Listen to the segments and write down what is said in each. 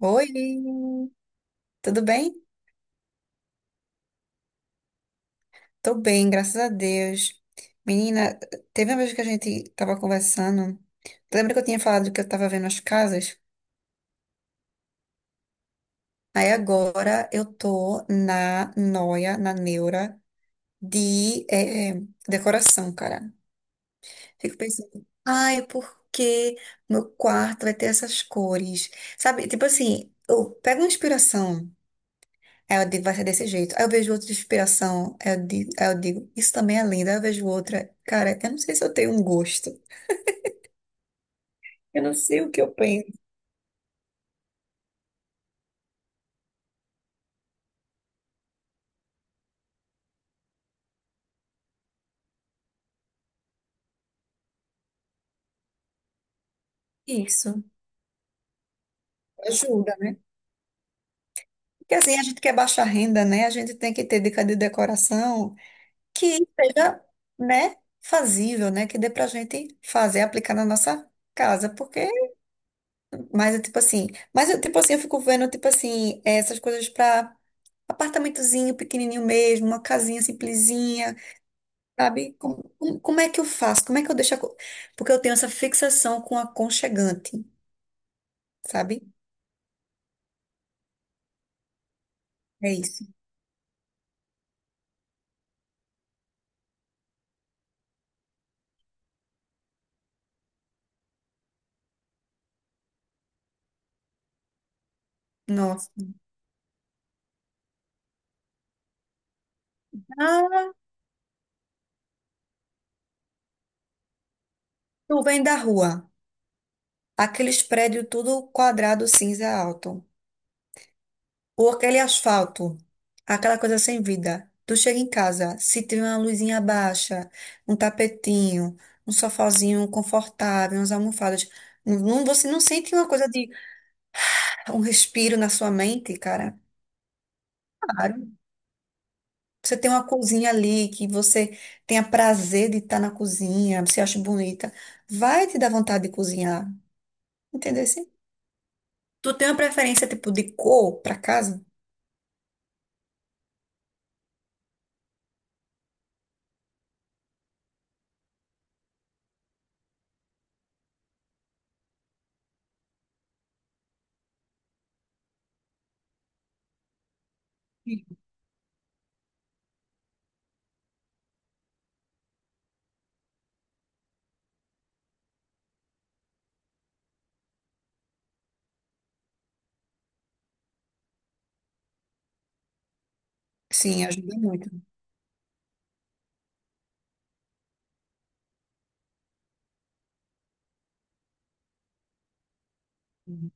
Oi, tudo bem? Tô bem, graças a Deus. Menina, teve uma vez que a gente tava conversando. Lembra que eu tinha falado que eu tava vendo as casas? Aí agora eu tô na noia, na neura de decoração, cara. Fico pensando, ai, por que meu quarto vai ter essas cores? Sabe, tipo assim, eu pego uma inspiração. É, eu digo, vai ser desse jeito. Aí eu vejo outra de inspiração, aí eu digo, isso também é lindo. Aí eu vejo outra, cara, eu não sei se eu tenho um gosto. Eu não sei o que eu penso. Isso. Ajuda, né? Porque assim, a gente quer baixa renda, né? A gente tem que ter dica de decoração que seja, né, fazível, né? Que dê pra gente fazer, aplicar na nossa casa. Porque, mas é tipo assim, mas eu, tipo assim, eu fico vendo, tipo assim, essas coisas pra apartamentozinho pequenininho mesmo, uma casinha simplesinha. Sabe? Como, como é que eu faço? Como é que eu deixo a... co- Porque eu tenho essa fixação com aconchegante, sabe? É isso. Nossa. Ah, tu vem da rua. Aqueles prédios tudo quadrado, cinza alto. Ou aquele asfalto. Aquela coisa sem vida. Tu chega em casa, se tiver uma luzinha baixa, um tapetinho, um sofazinho confortável, umas almofadas. Não, você não sente uma coisa de um respiro na sua mente, cara? Claro. Você tem uma cozinha ali que você tenha prazer de estar na cozinha, você acha bonita, vai te dar vontade de cozinhar, entendeu? Assim? Tu tem uma preferência tipo de cor para casa? Sim, ajuda muito. Uhum.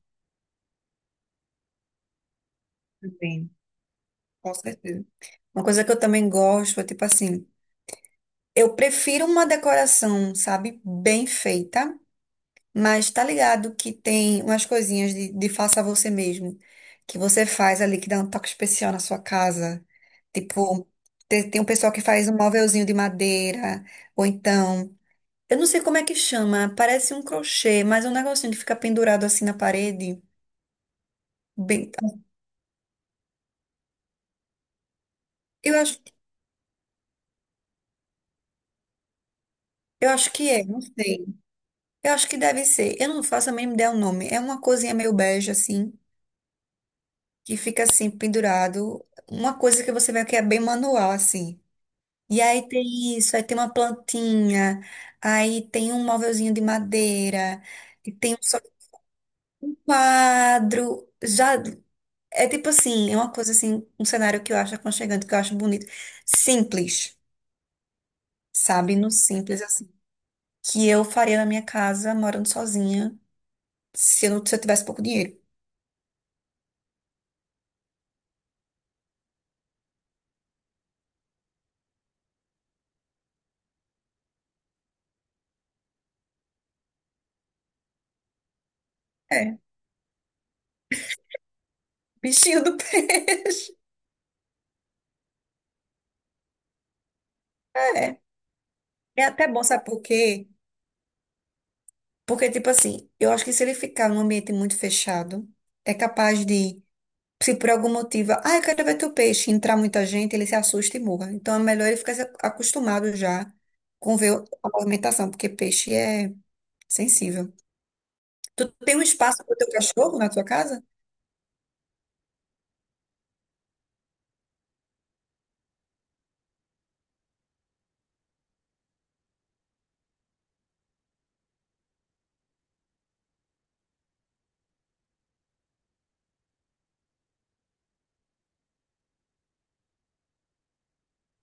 Também, com certeza. Uma coisa que eu também gosto é tipo assim, eu prefiro uma decoração, sabe, bem feita. Mas tá ligado que tem umas coisinhas de, faça você mesmo, que você faz ali, que dá um toque especial na sua casa. Tipo, te- tem, um pessoal que faz um móvelzinho de madeira, ou então, eu não sei como é que chama, parece um crochê, mas é um negocinho que fica pendurado assim na parede. Bem, eu acho, eu acho que é, não sei. Eu acho que deve ser. Eu não faço a mínima ideia o nome. É uma coisinha meio bege, assim, que fica assim, pendurado. Uma coisa que você vê que é bem manual, assim. E aí tem isso, aí tem uma plantinha, aí tem um móvelzinho de madeira, e tem só um quadro, já é tipo assim, é uma coisa assim, um cenário que eu acho aconchegante, que eu acho bonito, simples, sabe? No simples assim, que eu faria na minha casa morando sozinha, se eu não, se eu tivesse pouco dinheiro. É, bichinho do pé. É, é até bom, sabe por quê? Porque tipo assim, eu acho que se ele ficar num ambiente muito fechado, é capaz de. Se por algum motivo, ah, eu quero ver teu peixe, entrar muita gente, ele se assusta e morra. Então é melhor ele ficar se acostumado já com ver a movimentação, porque peixe é sensível. Tu tem um espaço para o teu cachorro na tua casa?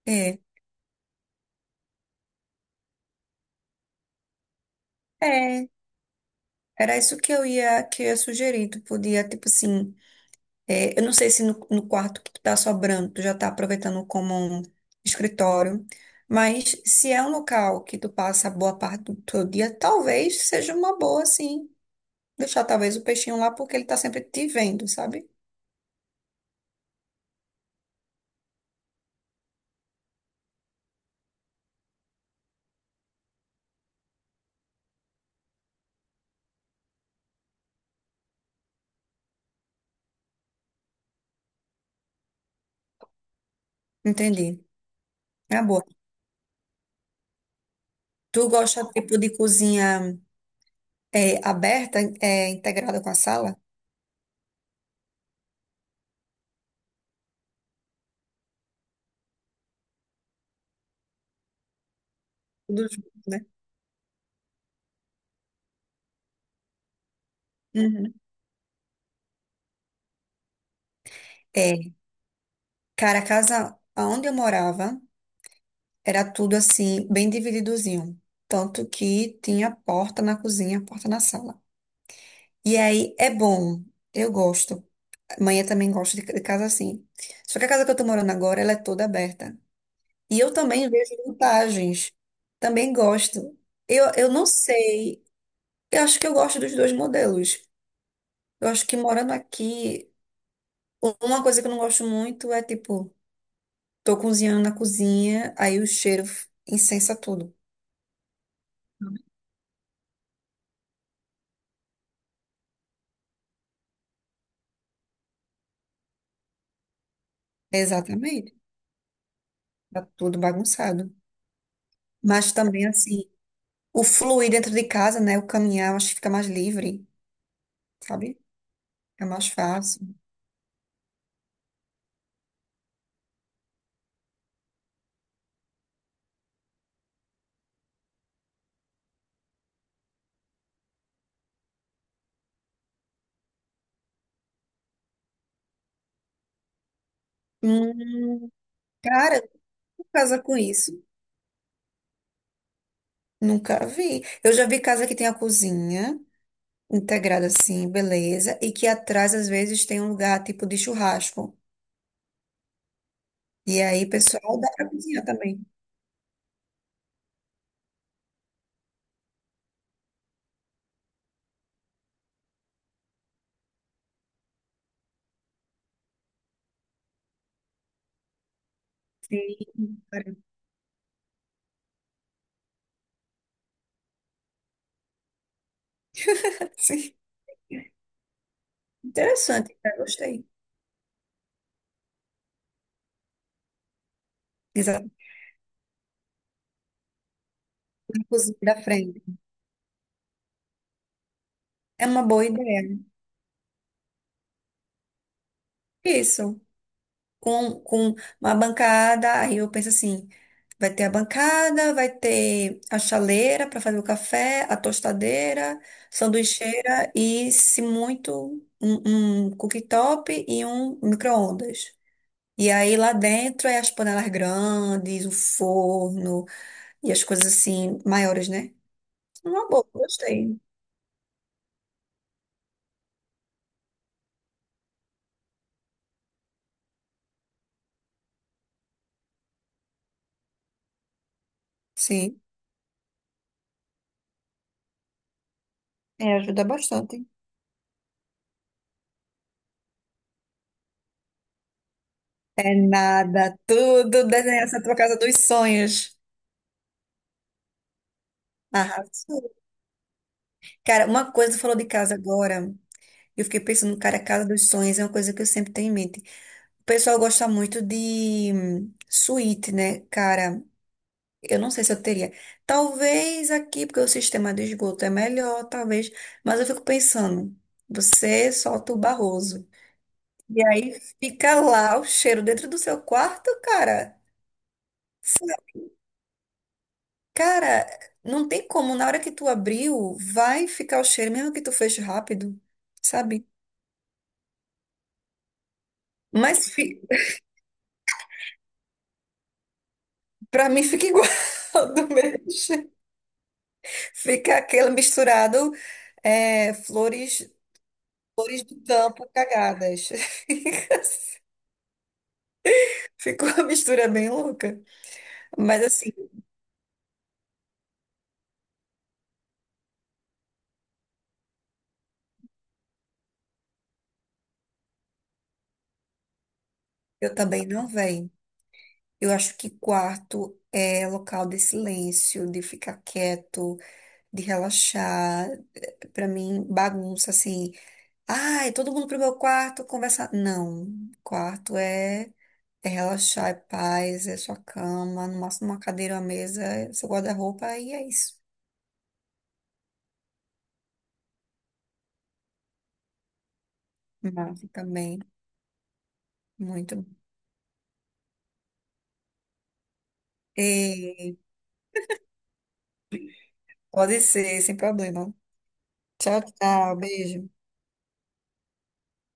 É. É. Era isso que eu ia, sugerir. Tu podia, tipo assim, é, eu não sei se no, no quarto que tu tá sobrando, tu já tá aproveitando como um escritório, mas se é um local que tu passa boa parte do teu dia, talvez seja uma boa, sim. Deixar talvez o peixinho lá porque ele tá sempre te vendo, sabe? Entendi. É uma boa. Tu gosta tipo de cozinha é, aberta, é, integrada com a sala? Tudo junto, né? Uhum. É, cara, a casa onde eu morava era tudo assim, bem divididozinho. Tanto que tinha porta na cozinha, porta na sala. E aí é bom, eu gosto. Amanhã também gosto de casa assim. Só que a casa que eu tô morando agora, ela é toda aberta. E eu também vejo vantagens. Também gosto. Eu não sei. Eu acho que eu gosto dos dois modelos. Eu acho que morando aqui, uma coisa que eu não gosto muito é tipo, tô cozinhando na cozinha, aí o cheiro incensa tudo. Exatamente. Tá tudo bagunçado. Mas também assim, o fluir dentro de casa, né? O caminhar, eu acho que fica mais livre, sabe? É mais fácil. Hum. Cara, casa com isso? Nunca vi. Eu já vi casa que tem a cozinha integrada assim, beleza, e que atrás às vezes tem um lugar tipo de churrasco. E aí, pessoal, dá pra cozinhar também. Sim, cara. Sim. Interessante, cara, gostei. Exato, a cozinha da frente. É uma boa ideia. Isso. Com, uma bancada. Aí eu penso assim: vai ter a bancada, vai ter a chaleira para fazer o café, a tostadeira, sanduicheira e, se muito, um, cooktop e um micro-ondas. E aí lá dentro é as panelas grandes, o forno e as coisas assim maiores, né? Uma boa, gostei. Sim, é, ajuda bastante. É nada, tudo desenhar essa tua casa dos sonhos. Arrasou. Cara, uma coisa que tu falou de casa agora, eu fiquei pensando, cara, a casa dos sonhos é uma coisa que eu sempre tenho em mente. O pessoal gosta muito de suíte, né? Cara, eu não sei se eu teria. Talvez aqui, porque o sistema de esgoto é melhor, talvez, mas eu fico pensando, você solta o barroso. E aí fica lá o cheiro dentro do seu quarto, cara. Cara, não tem como, na hora que tu abriu, vai ficar o cheiro, mesmo que tu feche rápido, sabe? Mas fi- para mim fica igual do mesmo jeito. Fica aquele misturado é, flores, flores do campo cagadas. Ficou uma mistura bem louca. Mas assim, eu também não venho. Eu acho que quarto é local de silêncio, de ficar quieto, de relaxar. Para mim, bagunça assim. Ai, todo mundo pro meu quarto conversar. Não, quarto é. É relaxar, é paz, é sua cama, no máximo uma cadeira, uma mesa, é seu guarda-roupa e é isso. Massa também, muito. E pode ser, sem problema. Tchau, tchau, beijo.